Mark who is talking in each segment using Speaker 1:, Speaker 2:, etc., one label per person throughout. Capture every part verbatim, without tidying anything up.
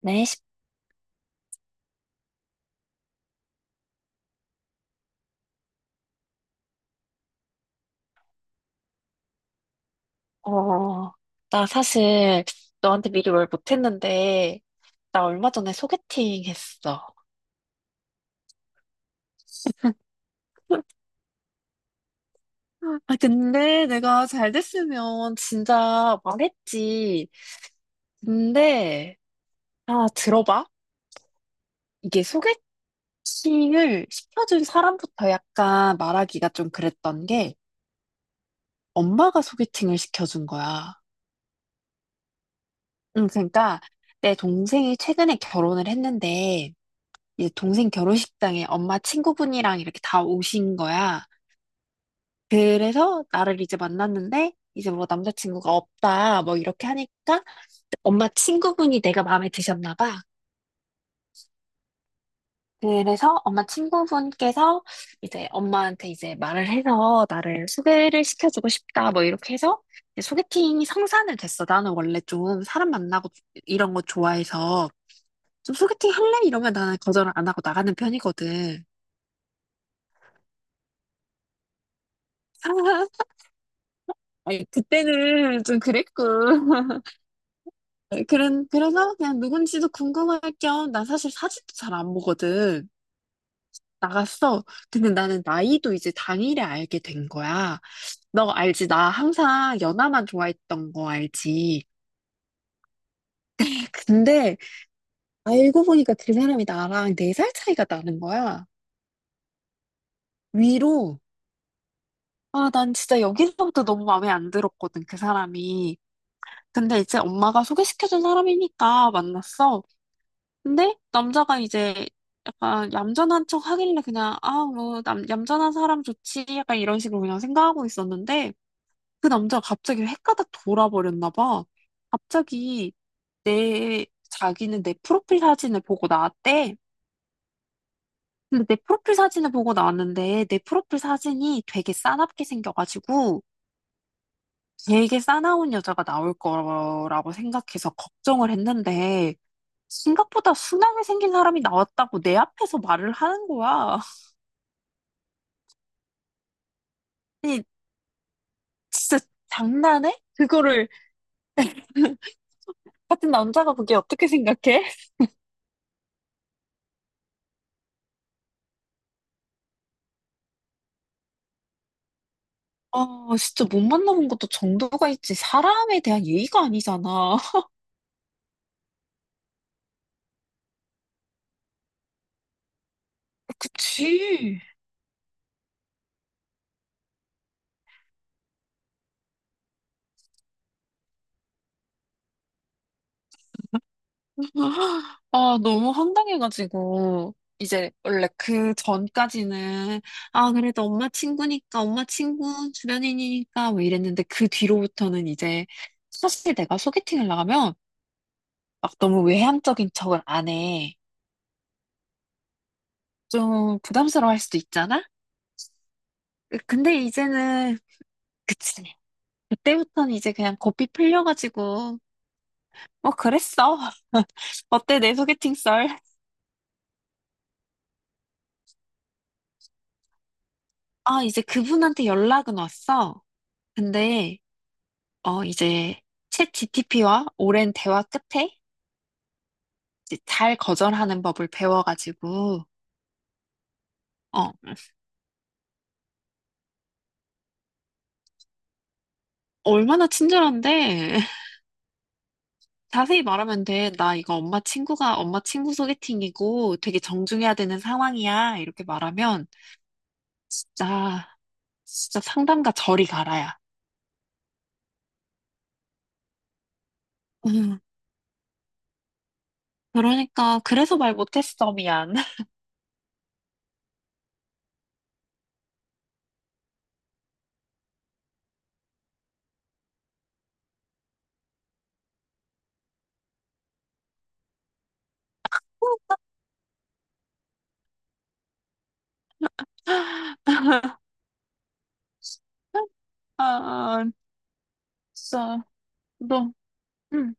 Speaker 1: 네, 십- 어, 나 사실 너한테 미리 말 못했는데, 나 얼마 전에 소개팅 했어. 아, 근데 내가 잘 됐으면 진짜 말했지. 근데, 아, 들어봐. 이게 소개팅을 시켜준 사람부터 약간 말하기가 좀 그랬던 게, 엄마가 소개팅을 시켜준 거야. 응, 그러니까 내 동생이 최근에 결혼을 했는데, 이제 동생 결혼식장에 엄마 친구분이랑 이렇게 다 오신 거야. 그래서 나를 이제 만났는데 이제 뭐 남자친구가 없다 뭐 이렇게 하니까 엄마 친구분이 내가 마음에 드셨나 봐. 그래서 엄마 친구분께서 이제 엄마한테 이제 말을 해서 나를 소개를 시켜주고 싶다 뭐 이렇게 해서 이제 소개팅이 성사는 됐어. 나는 원래 좀 사람 만나고 이런 거 좋아해서 좀 소개팅 할래? 이러면 나는 거절을 안 하고 나가는 편이거든. 아니, 그때는 좀 그랬고. 그런, 그래서 그냥 누군지도 궁금할 겸, 나 사실 사진도 잘 안 보거든. 나갔어. 근데 나는 나이도 이제 당일에 알게 된 거야. 너 알지? 나 항상 연하만 좋아했던 거 알지? 근데 알고 보니까 그 사람이 나랑 네 살 차이가 나는 거야. 위로. 아, 난 진짜 여기서부터 너무 마음에 안 들었거든, 그 사람이. 근데 이제 엄마가 소개시켜준 사람이니까 만났어. 근데 남자가 이제 약간 얌전한 척 하길래 그냥 아, 뭐, 남, 얌전한 사람 좋지. 약간 이런 식으로 그냥 생각하고 있었는데 그 남자가 갑자기 헷가닥 돌아버렸나 봐. 갑자기 내 자기는 내 프로필 사진을 보고 나왔대. 근데 내 프로필 사진을 보고 나왔는데 내 프로필 사진이 되게 싸납게 생겨가지고 되게 싸나운 여자가 나올 거라고 생각해서 걱정을 했는데 생각보다 순하게 생긴 사람이 나왔다고 내 앞에서 말을 하는 거야. 아니, 진짜 장난해? 그거를 같은 남자가 그게 어떻게 생각해? 아, 진짜 못 만나본 것도 정도가 있지. 사람에 대한 예의가 아니잖아. 그치. 아, 너무 황당해가지고. 이제 원래 그 전까지는 아 그래도 엄마 친구니까 엄마 친구 주변인이니까 뭐 이랬는데 그 뒤로부터는 이제 사실 내가 소개팅을 나가면 막 너무 외향적인 척을 안 해. 좀 부담스러워할 수도 있잖아? 으, 근데 이제는, 그치. 그때부터는 이제 그냥 고삐 풀려가지고, 뭐 그랬어. 어때, 내 소개팅 썰? 아, 이제 그분한테 연락은 왔어. 근데, 어, 이제, 챗 지티피 오랜 대화 끝에 이제 잘 거절하는 법을 배워가지고, 어, 얼마나 친절한데? 자세히 말하면 돼. 나 이거 엄마 친구가 엄마 친구 소개팅이고 되게 정중해야 되는 상황이야. 이렇게 말하면 진짜 진짜 상담가 저리 가라야. 음, 그러니까 그래서 말 못했어. 미안. 아, 진짜 너. 응,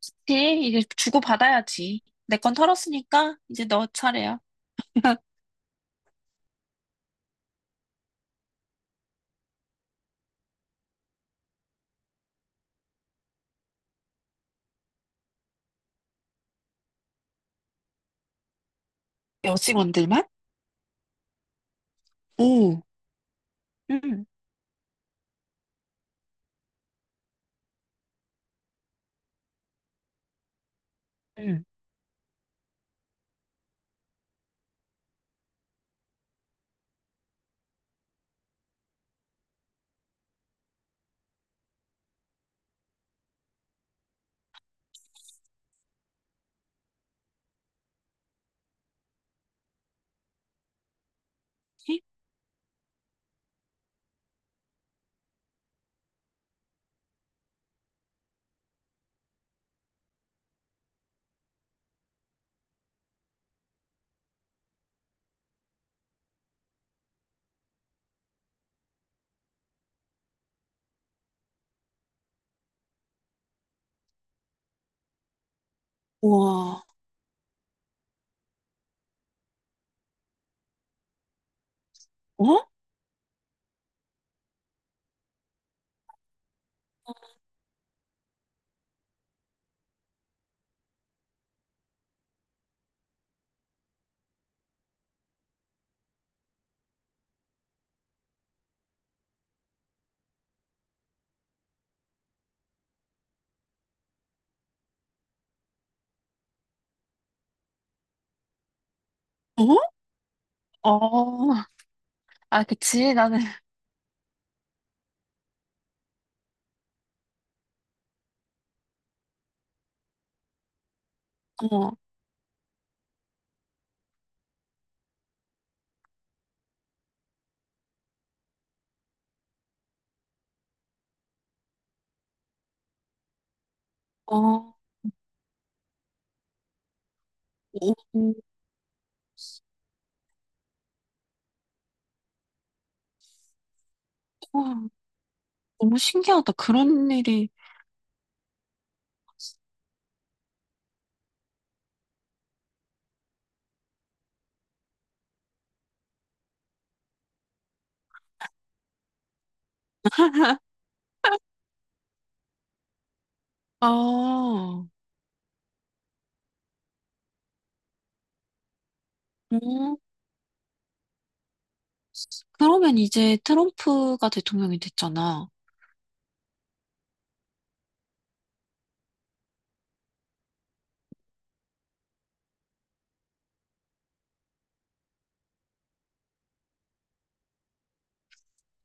Speaker 1: 그치? 이제 주고받아야지. 내 건 털었으니까 이제 너 차례야. 여직원들만? 오, 응, 응. 우와, 어? 어? 어, 아, 그치. 나는, 어, 어, 오, 우와, 너무 신기하다. 그런 일이. 아, 음, 그러면 이제 트럼프가 대통령이 됐잖아.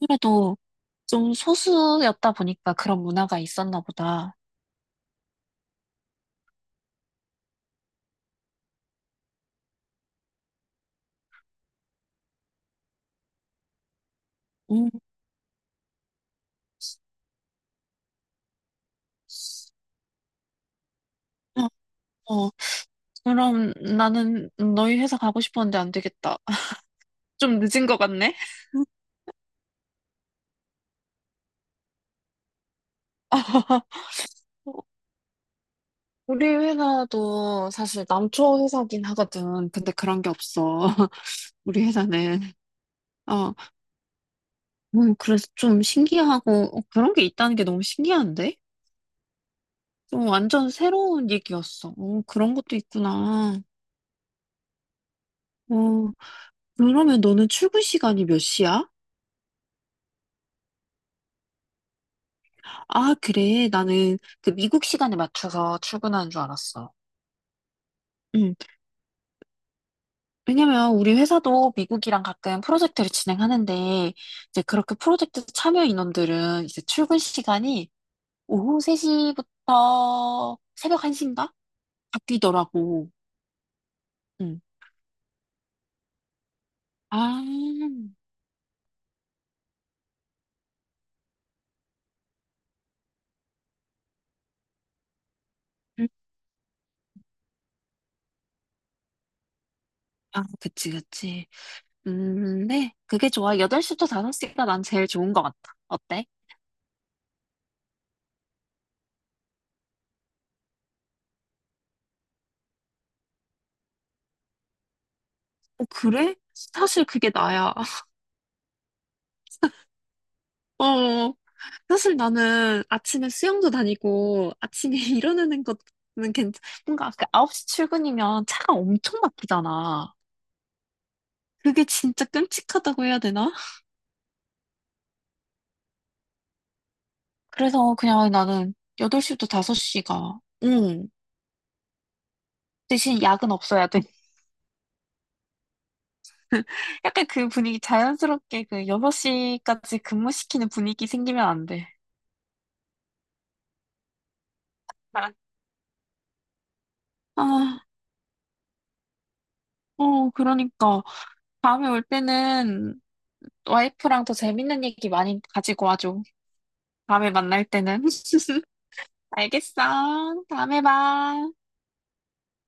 Speaker 1: 그래도 좀 소수였다 보니까 그런 문화가 있었나 보다. 음, 어, 어, 그럼 나는 너희 회사 가고 싶었는데 안 되겠다. 좀 늦은 것 같네? 어, 우리 회사도 사실 남초 회사긴 하거든. 근데 그런 게 없어. 우리 회사는. 어 음, 그래서 좀 신기하고, 어, 그런 게 있다는 게 너무 신기한데? 어, 완전 새로운 얘기였어. 어, 그런 것도 있구나. 어, 그러면 너는 출근 시간이 몇 시야? 아, 그래. 나는 그 미국 시간에 맞춰서 출근하는 줄 알았어. 음, 왜냐면 우리 회사도 미국이랑 가끔 프로젝트를 진행하는데, 이제 그렇게 프로젝트 참여 인원들은 이제 출근 시간이 오후 세 시부터 새벽 한 시인가? 바뀌더라고. 음. 아. 아, 그치, 그치. 음, 네. 그게 좋아. 여덟 시부터 다섯 시가 난 제일 좋은 것 같아. 어때? 어, 그래? 사실 그게 나야. 어, 사실 나는 아침에 수영도 다니고 아침에 일어나는 것는 괜찮, 뭔가 그 아홉 시 출근이면 차가 엄청 막히잖아. 그게 진짜 끔찍하다고 해야 되나? 그래서 그냥 나는 여덟 시부터 다섯 시가, 응. 대신 약은 없어야 돼. 약간 그 분위기 자연스럽게 그 여섯 시까지 근무시키는 분위기 생기면 안 돼. 아, 아, 어, 그러니까. 다음에 올 때는 와이프랑 더 재밌는 얘기 많이 가지고 와줘. 다음에 만날 때는. 알겠어. 다음에 봐.